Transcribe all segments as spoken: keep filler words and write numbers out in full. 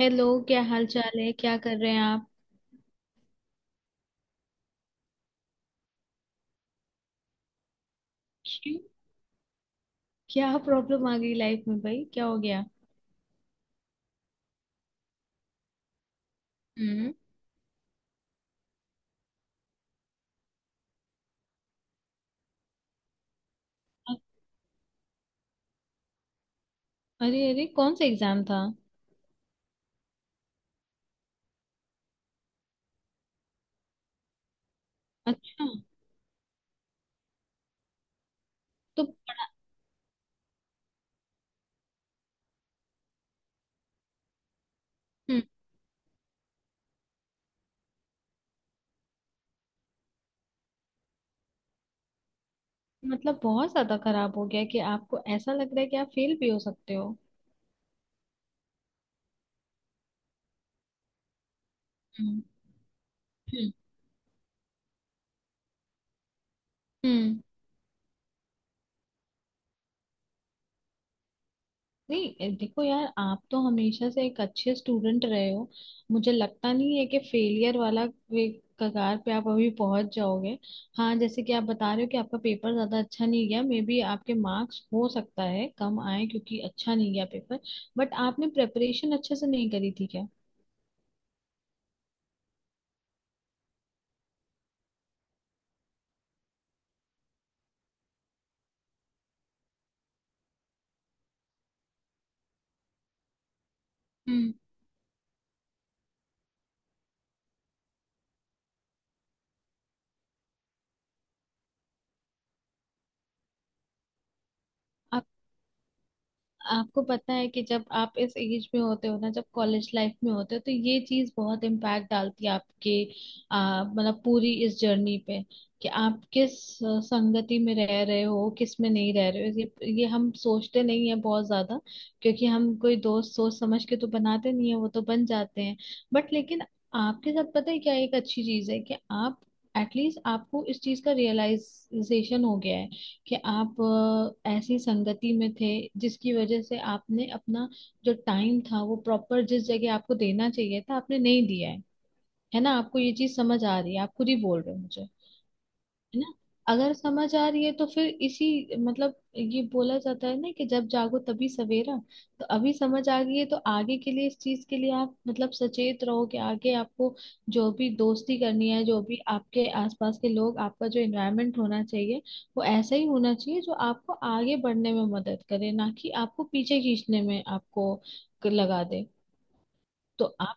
Hello. क्या हाल चाल है? क्या कर रहे हैं आप? क्यों? क्या प्रॉब्लम आ गई लाइफ में, भाई? क्या हो गया? हम्म। अ- अरे अरे, कौन सा एग्जाम था? अच्छा। तो हम्म मतलब बहुत ज्यादा खराब हो गया कि आपको ऐसा लग रहा है कि आप फेल भी हो सकते हो? हम्म। हम्म, हम्म। नहीं, ए, देखो यार, आप तो हमेशा से एक अच्छे स्टूडेंट रहे हो। मुझे लगता नहीं है कि फेलियर वाला वे कगार पे आप अभी पहुंच जाओगे। हाँ, जैसे कि आप बता रहे हो कि आपका पेपर ज्यादा अच्छा नहीं गया, मे बी आपके मार्क्स हो सकता है कम आए क्योंकि अच्छा नहीं गया पेपर। बट आपने प्रेपरेशन अच्छे से नहीं करी थी क्या? हम्म। आपको पता है कि जब आप इस एज में होते हो ना, जब कॉलेज लाइफ में होते हो, तो ये चीज बहुत इम्पैक्ट डालती है आपके आ, मतलब पूरी इस जर्नी पे, कि आप किस अ, संगति में रह रहे हो, किस में नहीं रह रहे हो। ये ये हम सोचते नहीं है बहुत ज्यादा, क्योंकि हम कोई दोस्त सोच समझ के तो बनाते नहीं है, वो तो बन जाते हैं। बट लेकिन आपके साथ पता है क्या एक अच्छी चीज है कि आप एटलीस्ट आपको इस चीज का रियलाइजेशन हो गया है कि आप अ, ऐसी संगति में थे जिसकी वजह से आपने अपना जो टाइम था वो प्रॉपर जिस जगह आपको देना चाहिए था, आपने नहीं दिया है। है ना? आपको ये चीज समझ आ रही है, आप खुद ही बोल रहे हो मुझे। है ना? अगर समझ आ रही है तो फिर इसी मतलब ये बोला जाता है ना कि जब जागो तभी सवेरा। तो अभी समझ आ गई है तो आगे के लिए इस चीज के लिए आप मतलब सचेत रहो कि आगे आपको जो भी दोस्ती करनी है, जो भी आपके आसपास के लोग, आपका जो एनवायरनमेंट होना चाहिए, वो ऐसा ही होना चाहिए जो आपको आगे बढ़ने में मदद करे, ना कि आपको पीछे खींचने में आपको क- लगा दे। तो आप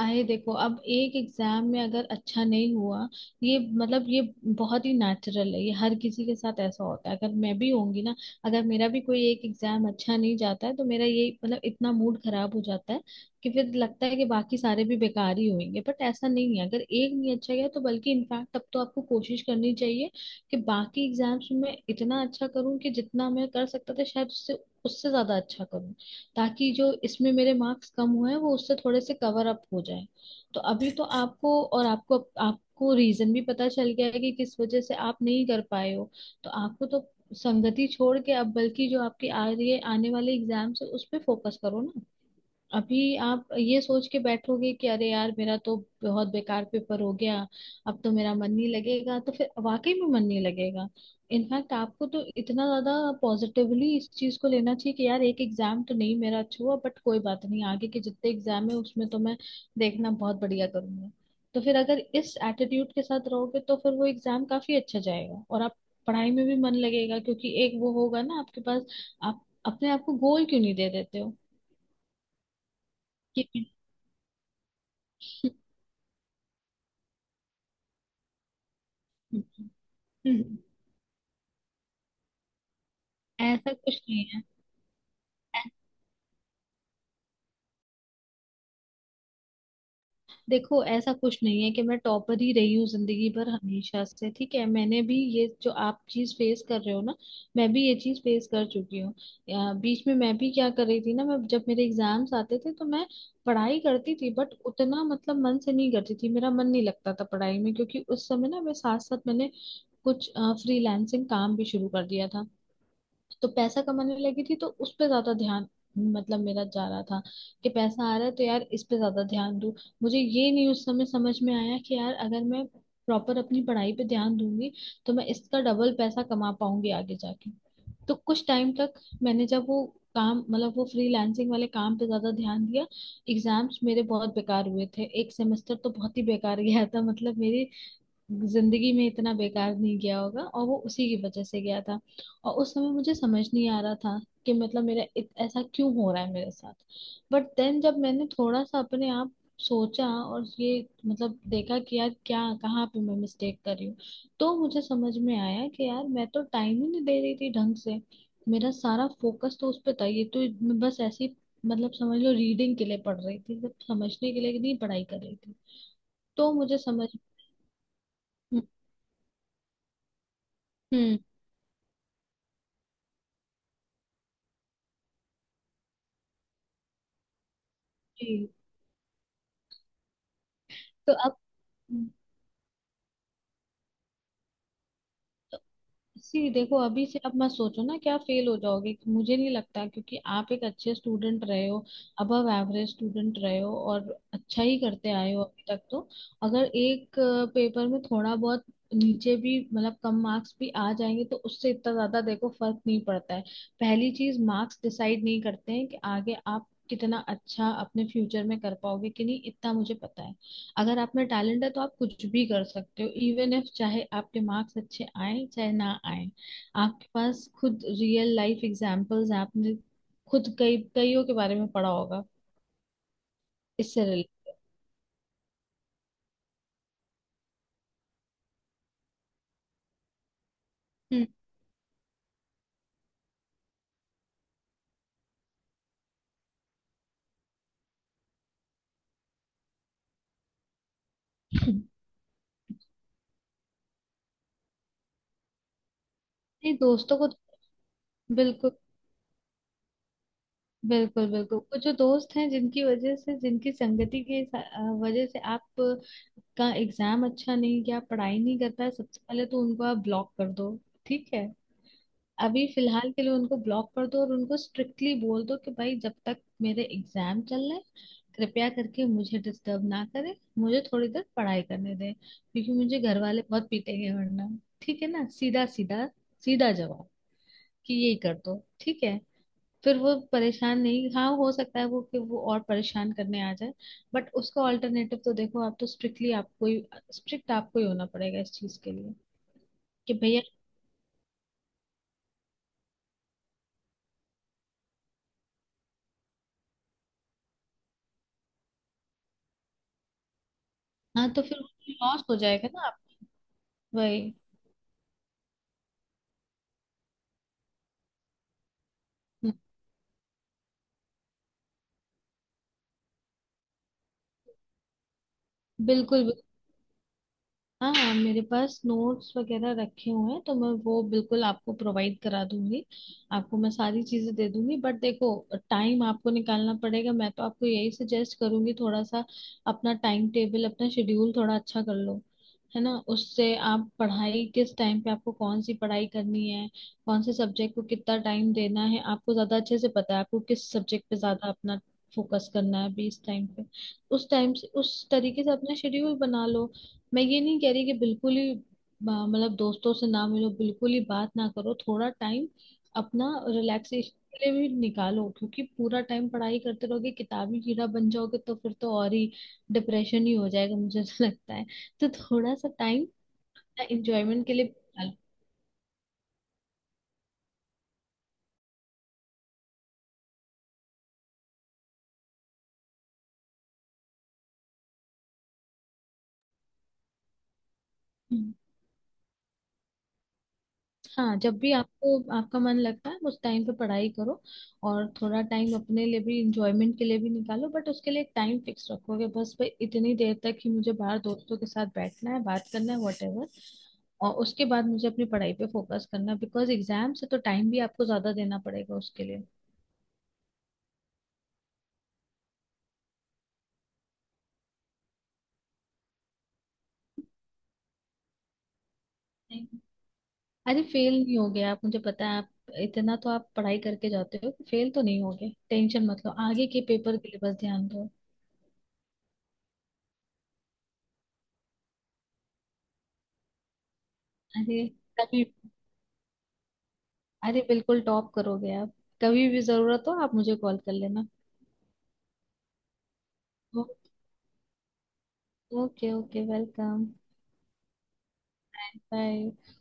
आए, देखो, अब एक एग्जाम में अगर अच्छा नहीं हुआ, ये मतलब ये बहुत ही नेचुरल है, ये हर किसी के साथ ऐसा होता है। अगर मैं भी होंगी ना, अगर मेरा भी कोई एक एग्जाम अच्छा नहीं जाता है तो मेरा ये मतलब इतना मूड खराब हो जाता है कि फिर लगता है कि बाकी सारे भी बेकार ही होंगे। बट ऐसा नहीं है। अगर एक नहीं अच्छा गया तो बल्कि इनफैक्ट तब तो आपको कोशिश करनी चाहिए कि बाकी एग्जाम्स में इतना अच्छा करूं कि जितना मैं कर सकता था शायद उससे उससे ज्यादा अच्छा करूं, ताकि जो इसमें मेरे मार्क्स कम हुए हैं वो उससे थोड़े से कवर अप हो जाए। तो अभी तो आपको और आपको आपको रीजन भी पता चल गया है कि किस वजह से आप नहीं कर पाए हो। तो आपको तो संगति छोड़ के अब बल्कि जो आपकी आ रही है, आने वाले एग्जाम्स है, उस पर फोकस करो ना। अभी आप ये सोच के बैठोगे कि अरे यार मेरा तो बहुत बेकार पेपर हो गया, अब तो मेरा मन नहीं लगेगा, तो फिर वाकई में मन नहीं लगेगा। इनफैक्ट आपको तो इतना ज्यादा पॉजिटिवली इस चीज को लेना चाहिए कि यार एक एग्जाम तो नहीं मेरा अच्छा हुआ, बट कोई बात नहीं, आगे के जितने एग्जाम है उसमें तो मैं देखना बहुत बढ़िया करूंगा। तो फिर अगर इस एटीट्यूड के साथ रहोगे तो फिर वो एग्जाम काफी अच्छा जाएगा और आप पढ़ाई में भी मन लगेगा क्योंकि एक वो होगा ना आपके पास। आप अपने आप को गोल क्यों नहीं दे देते हो? कि हम्म, ऐसा कुछ नहीं है। ऐ- देखो, ऐसा कुछ नहीं है कि मैं टॉपर ही रही हूँ जिंदगी भर हमेशा से। ठीक है? मैंने भी ये जो आप चीज फेस कर रहे हो ना, मैं भी ये चीज फेस कर चुकी हूँ। या, बीच में मैं भी क्या कर रही थी ना, मैं जब मेरे एग्जाम्स आते थे तो मैं पढ़ाई करती थी बट उतना मतलब मन से नहीं करती थी, मेरा मन नहीं लगता था पढ़ाई में, क्योंकि उस समय ना मैं साथ साथ मैंने कुछ फ्रीलांसिंग काम भी शुरू कर दिया था तो पैसा कमाने लगी थी, तो उस पे ज्यादा ध्यान मतलब मेरा जा रहा था कि पैसा आ रहा है तो यार इस पे ज्यादा ध्यान दूं। मुझे ये नहीं उस समय समझ में आया कि यार अगर मैं प्रॉपर अपनी पढ़ाई पे ध्यान दूंगी तो मैं इसका डबल पैसा कमा पाऊंगी आगे जाके। तो कुछ टाइम तक मैंने जब वो काम मतलब वो फ्रीलांसिंग वाले काम पे ज्यादा ध्यान दिया, एग्जाम्स मेरे बहुत बेकार हुए थे, एक सेमेस्टर तो बहुत ही बेकार गया था, मतलब मेरी जिंदगी में इतना बेकार नहीं गया होगा, और वो उसी की वजह से गया था। और उस समय मुझे समझ नहीं आ रहा था कि मतलब मेरा इत, ऐसा क्यों हो रहा है मेरे साथ। बट देन जब मैंने थोड़ा सा अपने आप सोचा और ये मतलब देखा कि यार क्या कहाँ पे मैं मिस्टेक कर रही हूँ, तो मुझे समझ में आया कि यार मैं तो टाइम ही नहीं दे रही थी ढंग से। मेरा सारा फोकस तो उस पे था, ये तो मैं बस ऐसी मतलब समझ लो रीडिंग के लिए पढ़ रही थी, सिर्फ समझने के लिए नहीं पढ़ाई कर रही थी। तो मुझे समझ। हम्म। हम्म, जी। तो अब सी देखो, अभी से अब मत सोचो ना क्या फेल हो जाओगे, मुझे नहीं लगता, क्योंकि आप एक अच्छे स्टूडेंट रहे हो, अबव एवरेज स्टूडेंट रहे हो और अच्छा ही करते आए हो अभी तक। तो अगर एक अ, पेपर में थोड़ा बहुत नीचे भी मतलब कम मार्क्स भी आ जाएंगे तो उससे इतना ज्यादा देखो फर्क नहीं पड़ता है। पहली चीज, मार्क्स डिसाइड नहीं करते हैं कि आगे आप कितना अच्छा अपने फ्यूचर में कर पाओगे कि नहीं, इतना मुझे पता है। अगर आप में टैलेंट है तो आप कुछ भी कर सकते हो, इवन इफ चाहे आपके मार्क्स अच्छे आए चाहे ना आए। आपके पास खुद रियल लाइफ एग्जांपल्स हैं, आपने खुद कई कईयों के बारे में पढ़ा होगा इससे रिलेटेड। हम्म। नहीं, दोस्तों को बिल्कुल, बिल्कुल, बिल्कुल, वो जो दोस्त हैं जिनकी वजह से, जिनकी संगति के सा- अ, वजह से आप का एग्जाम अच्छा नहीं गया, पढ़ाई नहीं कर पाए, सबसे पहले तो उनको आप ब्लॉक कर दो। ठीक है? अभी फिलहाल के लिए उनको ब्लॉक कर दो और उनको स्ट्रिक्टली बोल दो कि भाई जब तक मेरे एग्जाम चल रहे हैं कृपया करके मुझे डिस्टर्ब ना करें, मुझे थोड़ी देर पढ़ाई करने दें क्योंकि मुझे घर वाले बहुत पीटेंगे वरना। ठीक है ना? सीधा सीधा सीधा जवाब कि यही कर दो। ठीक है? फिर वो परेशान नहीं, हाँ हो सकता है वो कि वो और परेशान करने आ जाए, बट उसका ऑल्टरनेटिव तो देखो, आप तो स्ट्रिक्टली आपको ही स्ट्रिक्ट आपको ही होना पड़ेगा इस चीज के लिए कि भैया। हाँ तो फिर लॉस हो जाएगा ना आप। वही बिल्कुल बिल्कुल। हाँ, मेरे पास नोट्स वगैरह रखे हुए हैं तो मैं वो बिल्कुल आपको प्रोवाइड करा दूंगी। आपको मैं सारी चीजें दे दूंगी बट देखो टाइम आपको निकालना पड़ेगा। मैं तो आपको यही सजेस्ट करूंगी, थोड़ा सा अपना टाइम टेबल, अपना शेड्यूल थोड़ा अच्छा कर लो। है ना? उससे आप पढ़ाई किस टाइम पे आपको कौन सी पढ़ाई करनी है, कौन से सब्जेक्ट को कितना टाइम देना है, आपको ज्यादा अच्छे से पता है आपको किस सब्जेक्ट पे ज्यादा अपना फोकस करना है अभी इस टाइम पे। उस टाइम से उस तरीके से अपना शेड्यूल बना लो। मैं ये नहीं कह रही कि बिल्कुल ही आ, मतलब दोस्तों से ना मिलो, बिल्कुल ही बात ना करो। थोड़ा टाइम अपना रिलैक्सेशन के लिए भी निकालो, क्योंकि पूरा टाइम पढ़ाई करते रहोगे किताबी कीड़ा बन जाओगे तो फिर तो और ही डिप्रेशन ही हो जाएगा मुझे तो लगता है। तो थोड़ा सा टाइम एंजॉयमेंट के लिए निकालो। हाँ, जब भी आपको आपका मन लगता है उस टाइम पे पढ़ाई करो, और थोड़ा टाइम अपने लिए भी इंजॉयमेंट के लिए भी निकालो बट उसके लिए टाइम फिक्स रखोगे, बस भाई इतनी देर तक ही मुझे बाहर दोस्तों के साथ बैठना है, बात करना है, वॉटेवर, और उसके बाद मुझे अपनी पढ़ाई पे फोकस करना है बिकॉज एग्जाम से तो टाइम भी आपको ज्यादा देना पड़ेगा उसके लिए। नहीं। अरे, फेल नहीं हो गया आप, मुझे पता है आप इतना तो आप पढ़ाई करके जाते हो, फेल तो नहीं हो गए, टेंशन मत लो, आगे के पेपर के लिए बस ध्यान दो। अरे तभी, अरे बिल्कुल टॉप करोगे आप। कभी भी जरूरत हो आप मुझे कॉल कर लेना। ओ, ओके ओके, वेलकम। बाय।